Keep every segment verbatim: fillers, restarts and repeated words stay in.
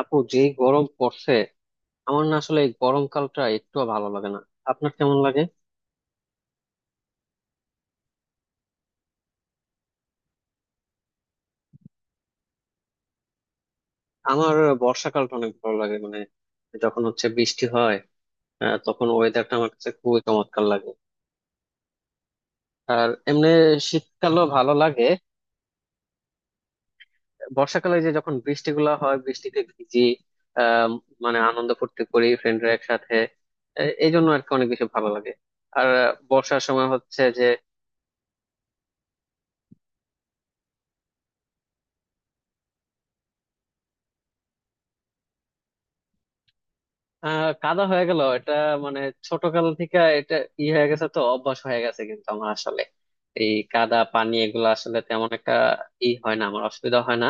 আপু যেই গরম পড়ছে। আমার না আসলে এই গরমকালটা একটু ভালো লাগে না। আপনার কেমন লাগে? আমার বর্ষাকালটা অনেক ভালো লাগে, মানে যখন হচ্ছে বৃষ্টি হয়। আহ, তখন ওয়েদারটা আমার কাছে খুবই চমৎকার লাগে। আর এমনি শীতকালও ভালো লাগে। বর্ষাকালে যে যখন বৃষ্টিগুলো হয় বৃষ্টিতে ভিজি। আহ মানে আনন্দ ফুর্তি করি ফ্রেন্ডরা একসাথে। এ- এই জন্য আর কি অনেক বেশি ভালো লাগে। আর আহ, বর্ষার সময় হচ্ছে যে আহ কাদা হয়ে গেল এটা, মানে ছোটকাল থেকে এটা ই হয়ে গেছে তো অভ্যাস হয়ে গেছে, কিন্তু আমার আসলে এই কাদা পানি এগুলো আসলে তেমন একটা ই হয় না, আমার অসুবিধা হয় না।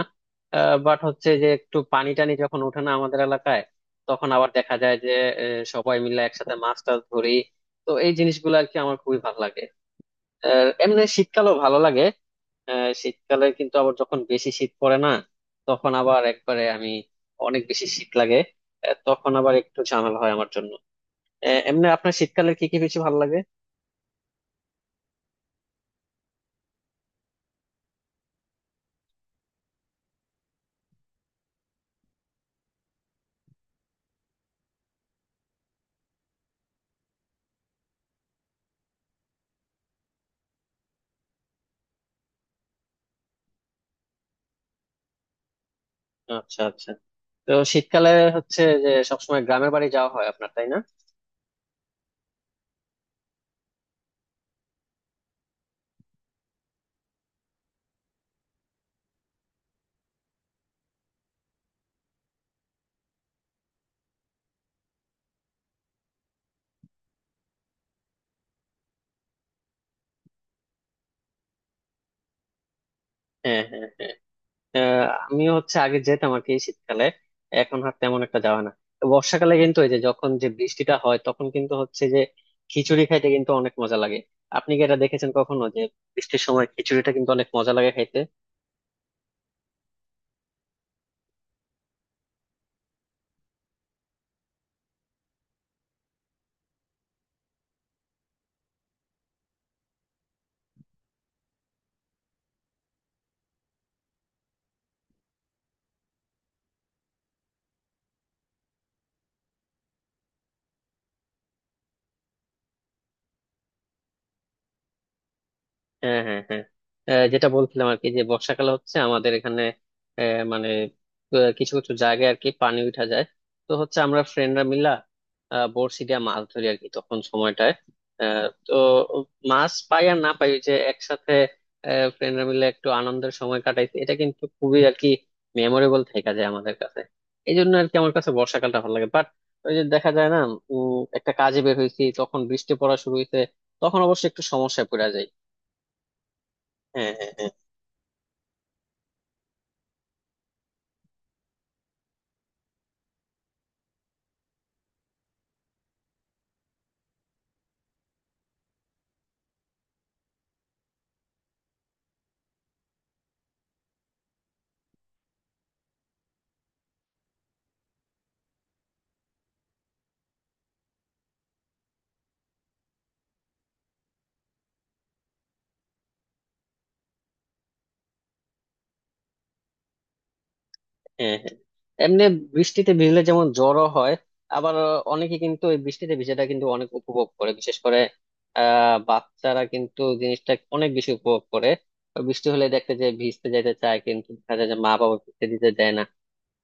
বাট হচ্ছে যে একটু পানি টানি যখন ওঠে না আমাদের এলাকায়, তখন আবার দেখা যায় যে আহ, সবাই মিলে একসাথে মাছ টাছ ধরি। তো এই জিনিসগুলো আর কি আমার খুবই ভালো লাগে। আহ, এমনি শীতকালও ভালো লাগে। আহ, শীতকালে কিন্তু আবার যখন বেশি শীত পড়ে না, তখন আবার একবারে আমি অনেক বেশি শীত লাগে। আহ, তখন আবার একটু ঝামেলা হয় আমার জন্য। আহ, এমনি আপনার শীতকালে কি কি বেশি ভালো লাগে? আচ্ছা আচ্ছা। তো শীতকালে হচ্ছে যে সবসময় গ্রামের বাড়ি যাওয়া হয় আপনার, তাই না? হ্যাঁ, হ্যাঁ, হ্যাঁ। আহ, আমিও হচ্ছে আগে যেতাম আর কি শীতকালে, এখন আর তেমন একটা যাওয়া না। তো বর্ষাকালে কিন্তু এই যে যখন যে বৃষ্টিটা হয় তখন কিন্তু হচ্ছে যে খিচুড়ি খাইতে কিন্তু অনেক মজা লাগে। আপনি কি এটা দেখেছেন কখনো যে বৃষ্টির সময় খিচুড়িটা কিন্তু অনেক মজা লাগে খাইতে? হ্যাঁ, হ্যাঁ, হ্যাঁ। আহ, যেটা বলছিলাম আর কি যে বর্ষাকালে হচ্ছে আমাদের এখানে আহ, মানে আহ, কিছু কিছু জায়গায় আর কি পানি উঠা যায়। তো হচ্ছে আমরা ফ্রেন্ডরা মিলা আহ, বড়শি দিয়ে মাছ ধরি আর কি তখন সময়টায়। আহ, তো মাছ পাই আর না পাই ওই যে একসাথে ফ্রেন্ডরা মিলে একটু আনন্দের সময় কাটাইছি, এটা কিন্তু খুবই আর কি মেমোরেবল থেকে যায় আমাদের কাছে। এই জন্য আর কি আমার কাছে বর্ষাকালটা ভালো লাগে। বাট ওই যে দেখা যায় না, উম একটা কাজে বের হয়েছি তখন বৃষ্টি পড়া শুরু হয়েছে, তখন অবশ্য একটু সমস্যায় পড়ে যায়। হ্যাঁ, হ্যাঁ, হ্যাঁ, হ্যাঁ, হ্যাঁ। এমনি বৃষ্টিতে ভিজলে যেমন জ্বরও হয়, আবার অনেকে কিন্তু এই বৃষ্টিতে ভিজাটা কিন্তু অনেক উপভোগ করে, বিশেষ করে আহ বাচ্চারা কিন্তু জিনিসটা অনেক বেশি উপভোগ করে। বৃষ্টি হলে দেখতে যে ভিজতে যেতে চায়, কিন্তু দেখা যায় যে মা বাবা ভিজতে দিতে দেয় না।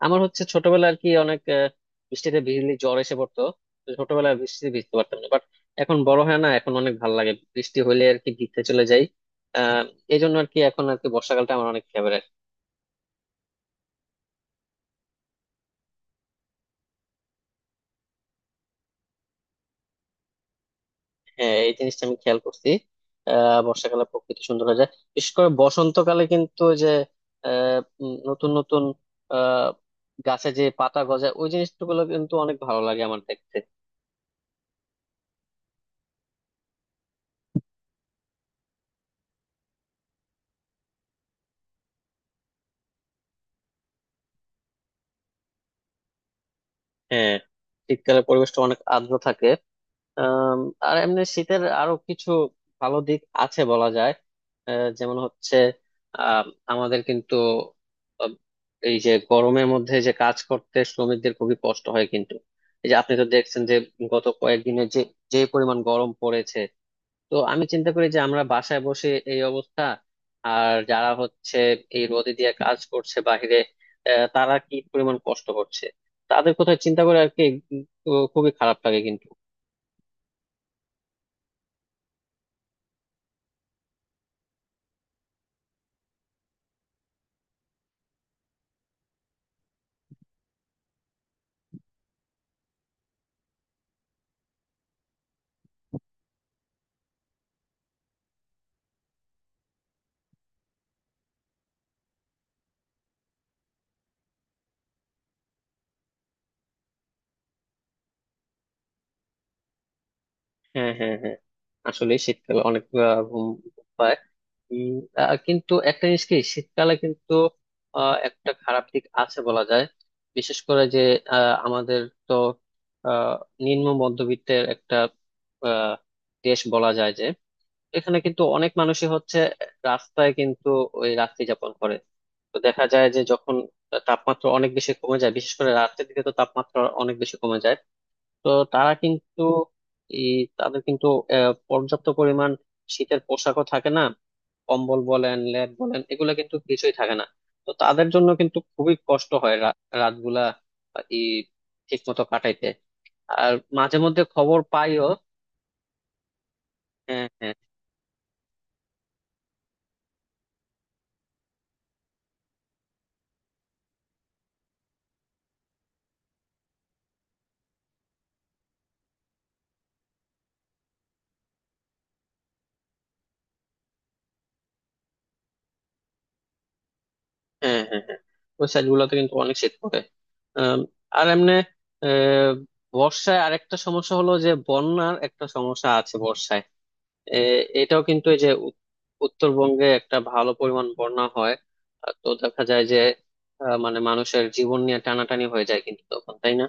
আমার হচ্ছে ছোটবেলা আর কি অনেক আহ, বৃষ্টিতে ভিজলে জ্বর এসে পড়তো। তো ছোটবেলায় বৃষ্টিতে ভিজতে পারতাম না, বাট এখন বড় হয় না, এখন অনেক ভালো লাগে বৃষ্টি হলে আর কি ভিজতে চলে যাই। আহ এই জন্য আর কি এখন আর কি বর্ষাকালটা আমার অনেক ফেভারিট। হ্যাঁ, এই জিনিসটা আমি খেয়াল করছি। আহ বর্ষাকালে প্রকৃতি সুন্দর হয়ে যায়, বিশেষ করে বসন্তকালে কিন্তু ওই যে আহ, উম, নতুন নতুন আহ গাছে যে পাতা গজায় ওই জিনিসগুলো কিন্তু অনেক ভালো লাগে আমার দেখতে। হ্যাঁ, শীতকালে পরিবেশটা অনেক আর্দ্র থাকে। আম, আর এমনি শীতের আরো কিছু ভালো দিক আছে বলা যায়। আহ, যেমন হচ্ছে আম, আমাদের কিন্তু আম, এই যে গরমের মধ্যে যে কাজ করতে শ্রমিকদের খুবই কষ্ট হয় কিন্তু। এই যে আপনি তো দেখছেন যে গত কয়েকদিনে যে যে পরিমাণ গরম পড়েছে, তো আমি চিন্তা করি যে আমরা বাসায় বসে এই অবস্থা, আর যারা হচ্ছে এই রোদে দিয়ে কাজ করছে বাহিরে আহ, তারা কি পরিমাণ কষ্ট করছে, তাদের কথা চিন্তা করে আর কি উম, খুবই খারাপ লাগে কিন্তু। হ্যাঁ, হ্যাঁ, হ্যাঁ। আসলে শীতকালে অনেক আহ, ঘুম ঘুম পায়। উম, আহ, কিন্তু একটা জিনিস কি শীতকালে কিন্তু আহ, একটা খারাপ দিক আছে বলা যায়। বিশেষ করে যে আহ, আমাদের তো আহ, নিম্ন মধ্যবিত্তের একটা আহ, দেশ বলা যায় যে এখানে কিন্তু অনেক মানুষই হচ্ছে রাস্তায় কিন্তু ওই রাত্রি যাপন করে। তো দেখা যায় যে যখন তাপমাত্রা অনেক বেশি কমে যায়, বিশেষ করে রাতের দিকে তো তাপমাত্রা অনেক বেশি কমে যায়, তো তারা কিন্তু এই তাদের কিন্তু আহ, পর্যাপ্ত পরিমাণ শীতের পোশাকও থাকে না, কম্বল বলেন লেপ বলেন এগুলো কিন্তু কিছুই থাকে না। তো তাদের জন্য কিন্তু খুবই কষ্ট হয় রা- রাতগুলা এই ঠিক মতো কাটাইতে। আর মাঝে মধ্যে খবর পাইও। হ্যাঁ, হ্যাঁ, হ্যাঁ, হ্যাঁ, হ্যাঁ। ওই সাইড গুলোতে কিন্তু অনেক শীত পড়ে। আম, আর এমনি আহ, বর্ষায় আরেকটা সমস্যা হলো যে বন্যার একটা সমস্যা আছে বর্ষায়। এ- এটাও কিন্তু এই যে উত- উত্তরবঙ্গে একটা ভালো পরিমাণ বন্যা হয়। আহ, তো দেখা যায় যে আহ, মানে মানুষের জীবন নিয়ে টানাটানি হয়ে যায় কিন্তু তখন, তাই না?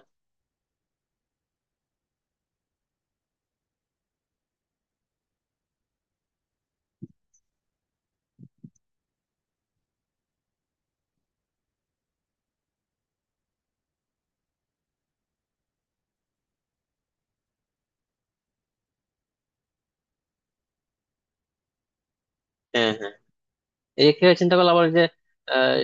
হ্যাঁ, হ্যাঁ। এই ক্ষেত্রে চিন্তা করলে আবার যে আহ,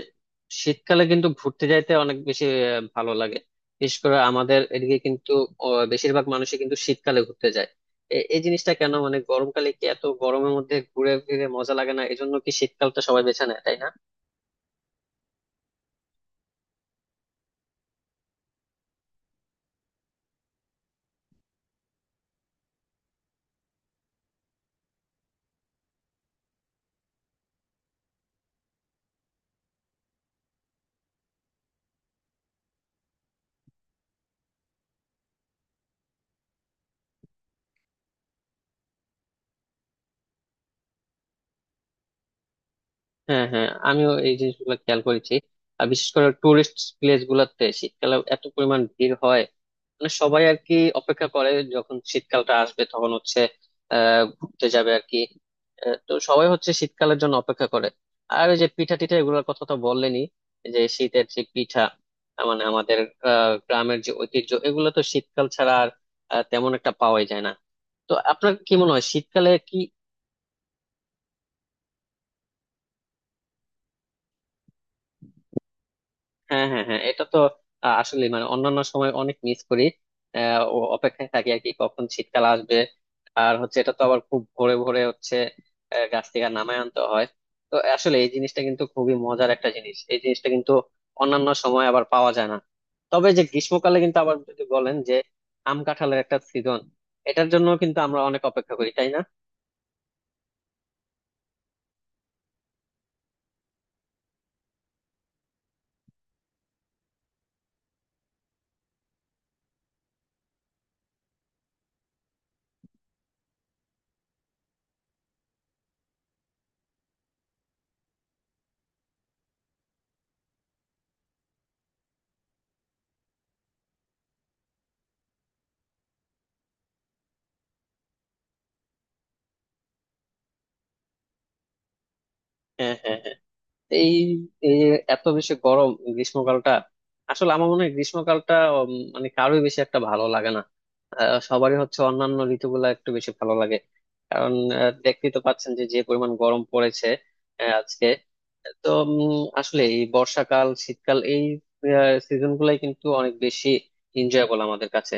শীতকালে কিন্তু ঘুরতে যাইতে অনেক বেশি আহ, ভালো লাগে। বিশেষ করে আমাদের এদিকে কিন্তু আহ, বেশিরভাগ মানুষই কিন্তু শীতকালে ঘুরতে যায়। এ- এই জিনিসটা কেন, মানে গরমকালে কি এত গরমের মধ্যে ঘুরে ফিরে মজা লাগে না, এই জন্য কি শীতকালটা সবাই বেছে নেয়, তাই না? হ্যাঁ, হ্যাঁ, আমিও এই জিনিসগুলো খেয়াল করেছি। আর বিশেষ করে টুরিস্ট প্লেস গুলাতে শীতকালে এত পরিমাণ ভিড় হয়, মানে সবাই আর কি অপেক্ষা করে যখন শীতকালটা আসবে তখন হচ্ছে আহ ঘুরতে যাবে আর কি। আহ, তো সবাই হচ্ছে শীতকালের জন্য অপেক্ষা করে। আর ওই যে পিঠা টিঠা এগুলোর কথা তো বললেনই, যে শীতের যে পিঠা আহ, মানে আমাদের আহ গ্রামের যে ঐতিহ্য এগুলো তো শীতকাল ছাড়া আর আহ, তেমন একটা পাওয়াই যায় না। তো আপনার কি মনে হয় শীতকালে কি? হ্যাঁ, হ্যাঁ, হ্যাঁ, এটা তো আসলে মানে অন্যান্য সময় অনেক মিস করি। আহ, ও অপেক্ষায় থাকি আর কি কখন শীতকাল আসবে। আর হচ্ছে এটা তো আবার খুব ভোরে ভোরে হচ্ছে আহ, গাছ থেকে নামায় আনতে হয়। তো আসলে এই জিনিসটা কিন্তু খুবই মজার একটা জিনিস, এই জিনিসটা কিন্তু অন্যান্য সময় আবার পাওয়া যায় না। তবে যে গ্রীষ্মকালে কিন্তু আবার যদি বলেন যে আম কাঁঠালের একটা সিজন, এটার জন্য কিন্তু আমরা অনেক অপেক্ষা করি, তাই না? হ্যাঁ, হ্যাঁ, হ্যাঁ। এই এই যে এত বেশি গরম গ্রীষ্মকালটা, আসলে আমার মনে হয় গ্রীষ্মকালটা উম, মানে কারোই বেশি একটা ভালো লাগে না। আহ, সবারই হচ্ছে অন্যান্য ঋতুগুলা একটু বেশি ভালো লাগে। কারণ আহ, দেখতেই তো পাচ্ছেন যে যে পরিমাণ গরম পড়েছে আহ, আজকে। তো আসলে এই বর্ষাকাল শীতকাল এই সিজন গুলাই কিন্তু অনেক বেশি এনজয়েবল আমাদের কাছে।